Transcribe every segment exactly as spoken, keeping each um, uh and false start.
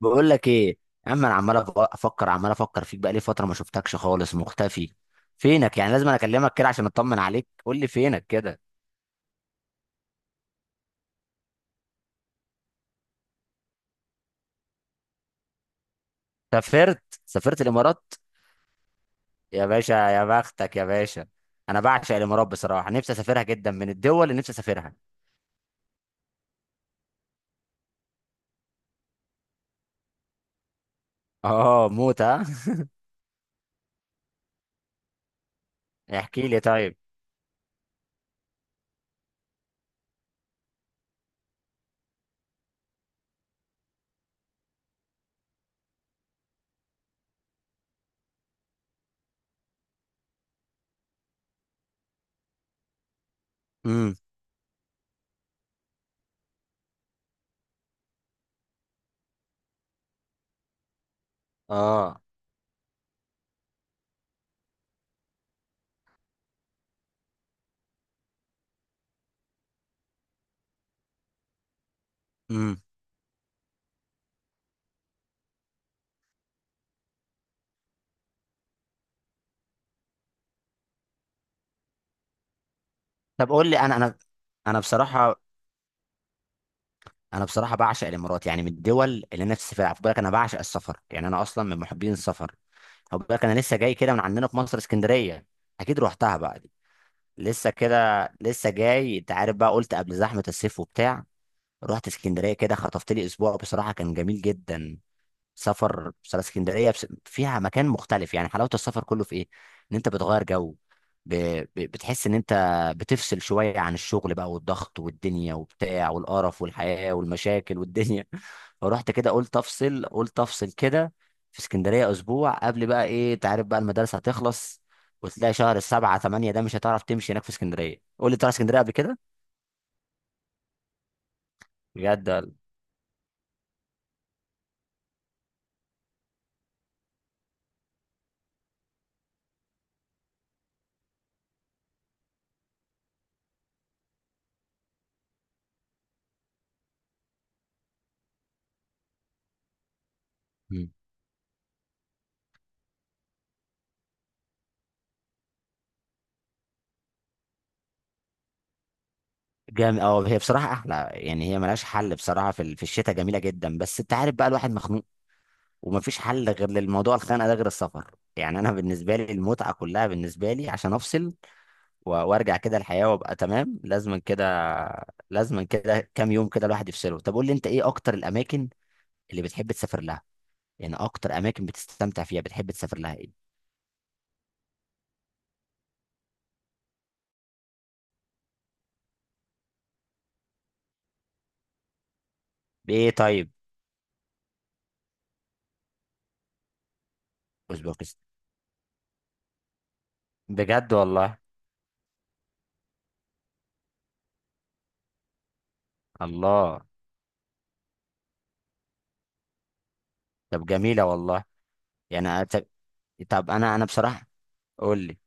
بقول لك ايه؟ يا عم، انا عمال أف- افكر عمال افكر فيك بقالي فتره، ما شفتكش خالص، مختفي. فينك يعني؟ لازم أنا اكلمك كده عشان اطمن عليك. قول لي فينك كده. سافرت سافرت الامارات؟ يا باشا، يا بختك يا باشا. انا بعشق الامارات بصراحه، نفسي اسافرها جدا، من الدول اللي نفسي اسافرها. اه موت، ها؟ احكي لي طيب. امم. اه. امم. طب قول لي، انا انا انا بصراحه انا بصراحه بعشق الامارات، يعني من الدول اللي نفسي اسافرها. خد بالك انا بعشق السفر، يعني انا اصلا من محبين السفر. خد بالك انا لسه جاي كده من عندنا في مصر، اسكندريه. اكيد روحتها بقى دي. لسه كده لسه جاي، انت عارف بقى، قلت قبل زحمه الصيف وبتاع. رحت اسكندريه كده، خطفت لي اسبوع، بصراحه كان جميل جدا. سفر بس- اسكندريه بس- فيها مكان مختلف، يعني حلاوه السفر كله في ايه؟ ان انت بتغير جو، ب... ب... بتحس ان انت بتفصل شويه عن الشغل بقى، والضغط والدنيا وبتاع، والقرف والحياه والمشاكل والدنيا. فرحت كده، قلت افصل، قلت افصل كده، في اسكندريه اسبوع، قبل بقى ايه، انت عارف بقى، المدارس هتخلص وتلاقي شهر سبعة تمانية ده مش هتعرف تمشي هناك في اسكندريه. قول لي، تروح اسكندريه قبل كده بجد ولا؟ جامد. اه، هي بصراحة أحلى، يعني هي ملهاش حل بصراحة في ال- في الشتاء، جميلة جدا، بس أنت عارف بقى الواحد مخنوق، ومفيش حل غير للموضوع الخنقة ده غير السفر. يعني أنا بالنسبة لي المتعة كلها بالنسبة لي عشان أفصل و- وأرجع كده الحياة وأبقى تمام. لازم كده، لازم كده كام يوم كده الواحد يفصله. طب قول لي أنت، إيه أكتر الأماكن اللي بتحب تسافر لها؟ يعني أكتر أماكن بتستمتع فيها، بتحب تسافر لها إيه؟ بإيه طيب؟ أوزبكستان؟ بجد والله. الله. طب جميلة والله. يعني أنا- طب. طب، أنا أنا بصراحة. قول لي.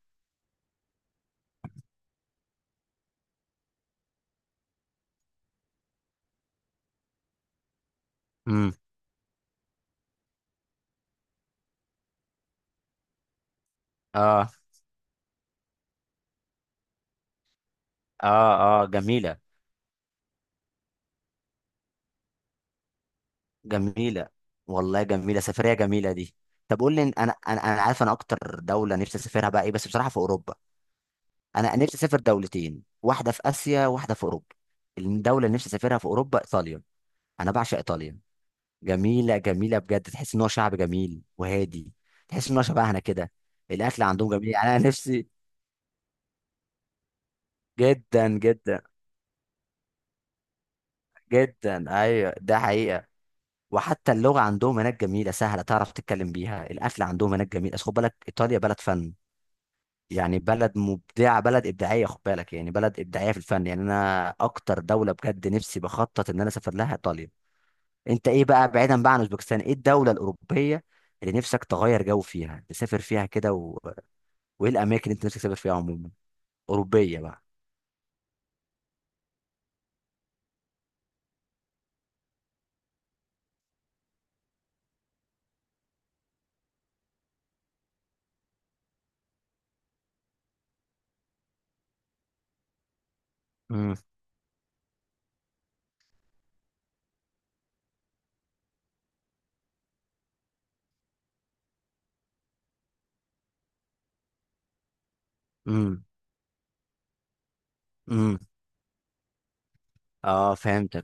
امم. اه، اه، اه، جميله. جميله والله، جميله، سفريه جميله دي. طب قول لي، انا انا انا عارف، انا اكتر دوله نفسي اسافرها بقى ايه، بس بصراحه في اوروبا. انا نفسي اسافر دولتين، واحده في اسيا، واحده في اوروبا. الدوله اللي نفسي اسافرها في اوروبا ايطاليا. انا بعشق ايطاليا. جميله جميله بجد، تحس ان هو شعب جميل وهادي، تحس ان هو شبهنا كده. الاكل عندهم جميل، يعني انا نفسي. جدا جدا جدا. ايوه ده حقيقه. وحتى اللغة عندهم هناك جميلة، سهلة تعرف تتكلم بيها. الأكل عندهم هناك جميل. أصل خد بالك إيطاليا بلد فن، يعني بلد مبدعة، بلد إبداعية، خد بالك، يعني بلد إبداعية في الفن. يعني أنا أكتر دولة بجد نفسي بخطط إن أنا أسافر لها إيطاليا. أنت إيه بقى، بعيدا بقى عن أوزبكستان، إيه الدولة الأوروبية اللي نفسك تغير جو فيها، تسافر فيها كده، و... وإيه الأماكن اللي أنت نفسك تسافر فيها عموما، أوروبية بقى؟ امم. امم. امم. اه فهمتك.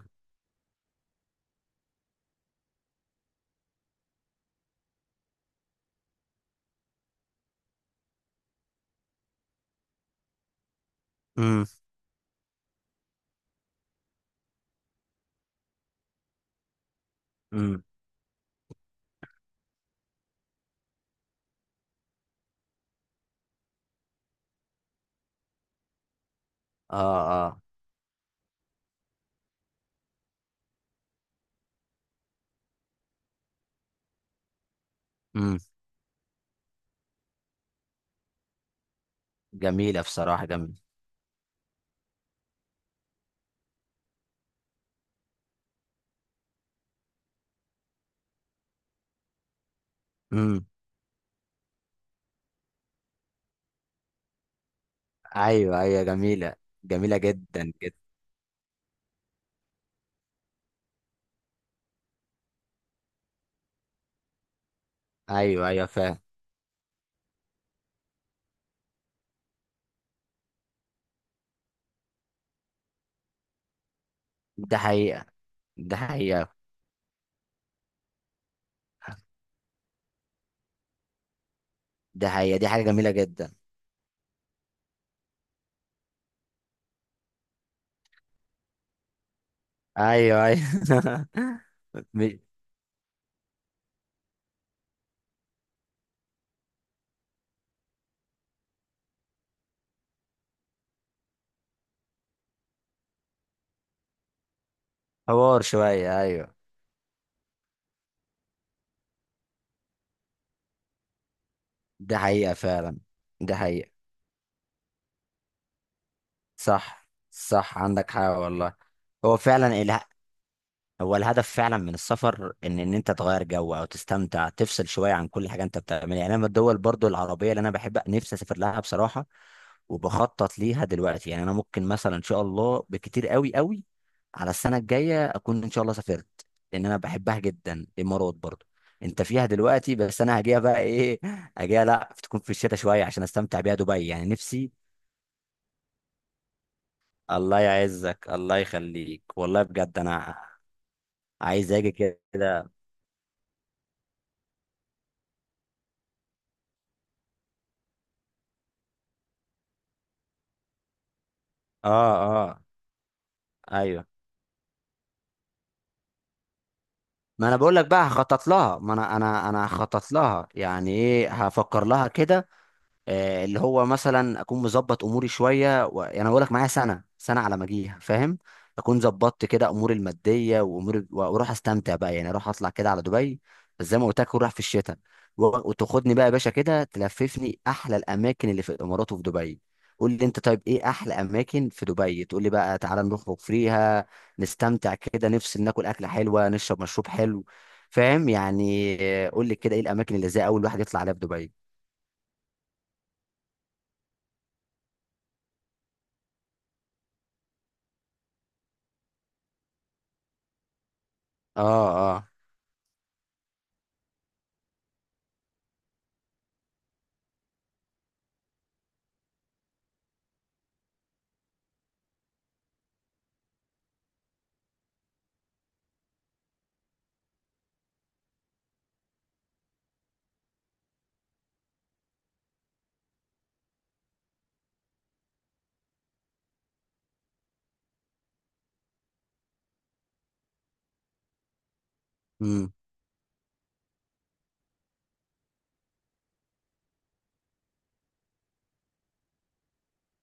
امم. امم. اه، اه. امم. جميلة بصراحة، جميلة. ايوه، ايوه جميله. جميله جدا جدا. ايوه ايوه، فاهم. ده حقيقه، ده حقيقه. ده حقيقه، دي حاجه جميله جدا. ايوه، ايوه. م- حوار شويه، ايوه. ده حقيقه فعلا. ده حقيقه. صح، صح، عندك حق والله. هو فعلا. هو الهدف فعلا من السفر ان ان انت تغير جو او تستمتع، تفصل شويه عن كل حاجه انت بتعملها. يعني انا من الدول برضو العربيه اللي انا بحب نفسي اسافر لها بصراحه، وبخطط ليها دلوقتي. يعني انا ممكن مثلا ان شاء الله بكتير، قوي قوي، على السنه الجايه اكون ان شاء الله سافرت، لان انا بحبها جدا الامارات برضو. انت فيها دلوقتي، بس انا هجيها بقى ايه، هجيها لا تكون في الشتاء شويه عشان استمتع بيها دبي، يعني نفسي. الله يعزك، الله يخليك، والله بجد انا عايز اجي كده. اه. آه. ايوه، ما انا بقول لك بقى هخطط لها، ما انا انا انا هخطط لها، يعني ايه، هفكر لها كده. آه، اللي هو مثلا اكون مظبط اموري شويه، و... يعني اقول لك معايا سنه سنه على ما اجيها، فاهم؟ اكون ظبطت كده اموري الماديه واموري، واروح استمتع بقى. يعني اروح اطلع كده على دبي، بس زي ما قلت لك اروح في الشتاء، و... وتاخدني بقى يا باشا كده، تلففني احلى الاماكن اللي في الامارات وفي دبي. قول لي انت طيب، ايه احلى اماكن في دبي؟ تقول لي بقى تعالى نخرج فيها، نستمتع كده، نفس ناكل اكله حلوه، نشرب مشروب حلو، فاهم يعني؟ آه، قول لي كده، ايه الاماكن اللي زي اول واحد يطلع عليها في دبي؟ اه، اه. مم.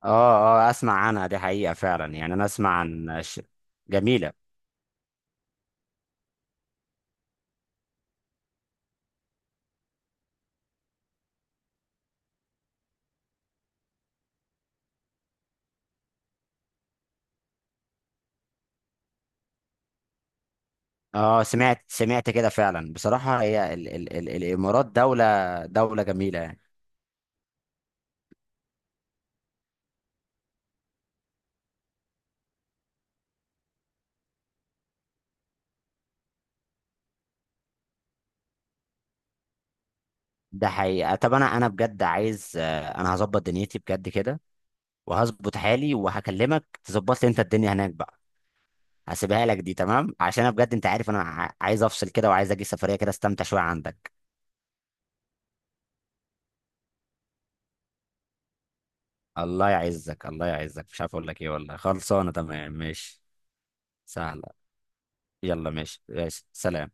اه، اه، اسمع عنها دي حقيقة فعلا، يعني انا اسمع عن ش... جميلة. اه، سمعت سمعت كده فعلا بصراحة، هي ال ال ال الامارات دولة، دولة جميلة يعني. ده حقيقة. طب انا انا بجد عايز، آه، انا هظبط دنيتي بجد كده، وهظبط حالي، وهكلمك تظبط لي انت الدنيا هناك بقى، هسيبها لك دي، تمام؟ عشان انا بجد انت عارف، انا ع- عايز افصل كده، وعايز اجي سفرية كده، استمتع شوية عندك. الله يعزك، الله يعزك، مش عارف اقول لك ايه والله. خلصانة تمام، ماشي. سهلة. يلا، ماشي، ماشي، سلام.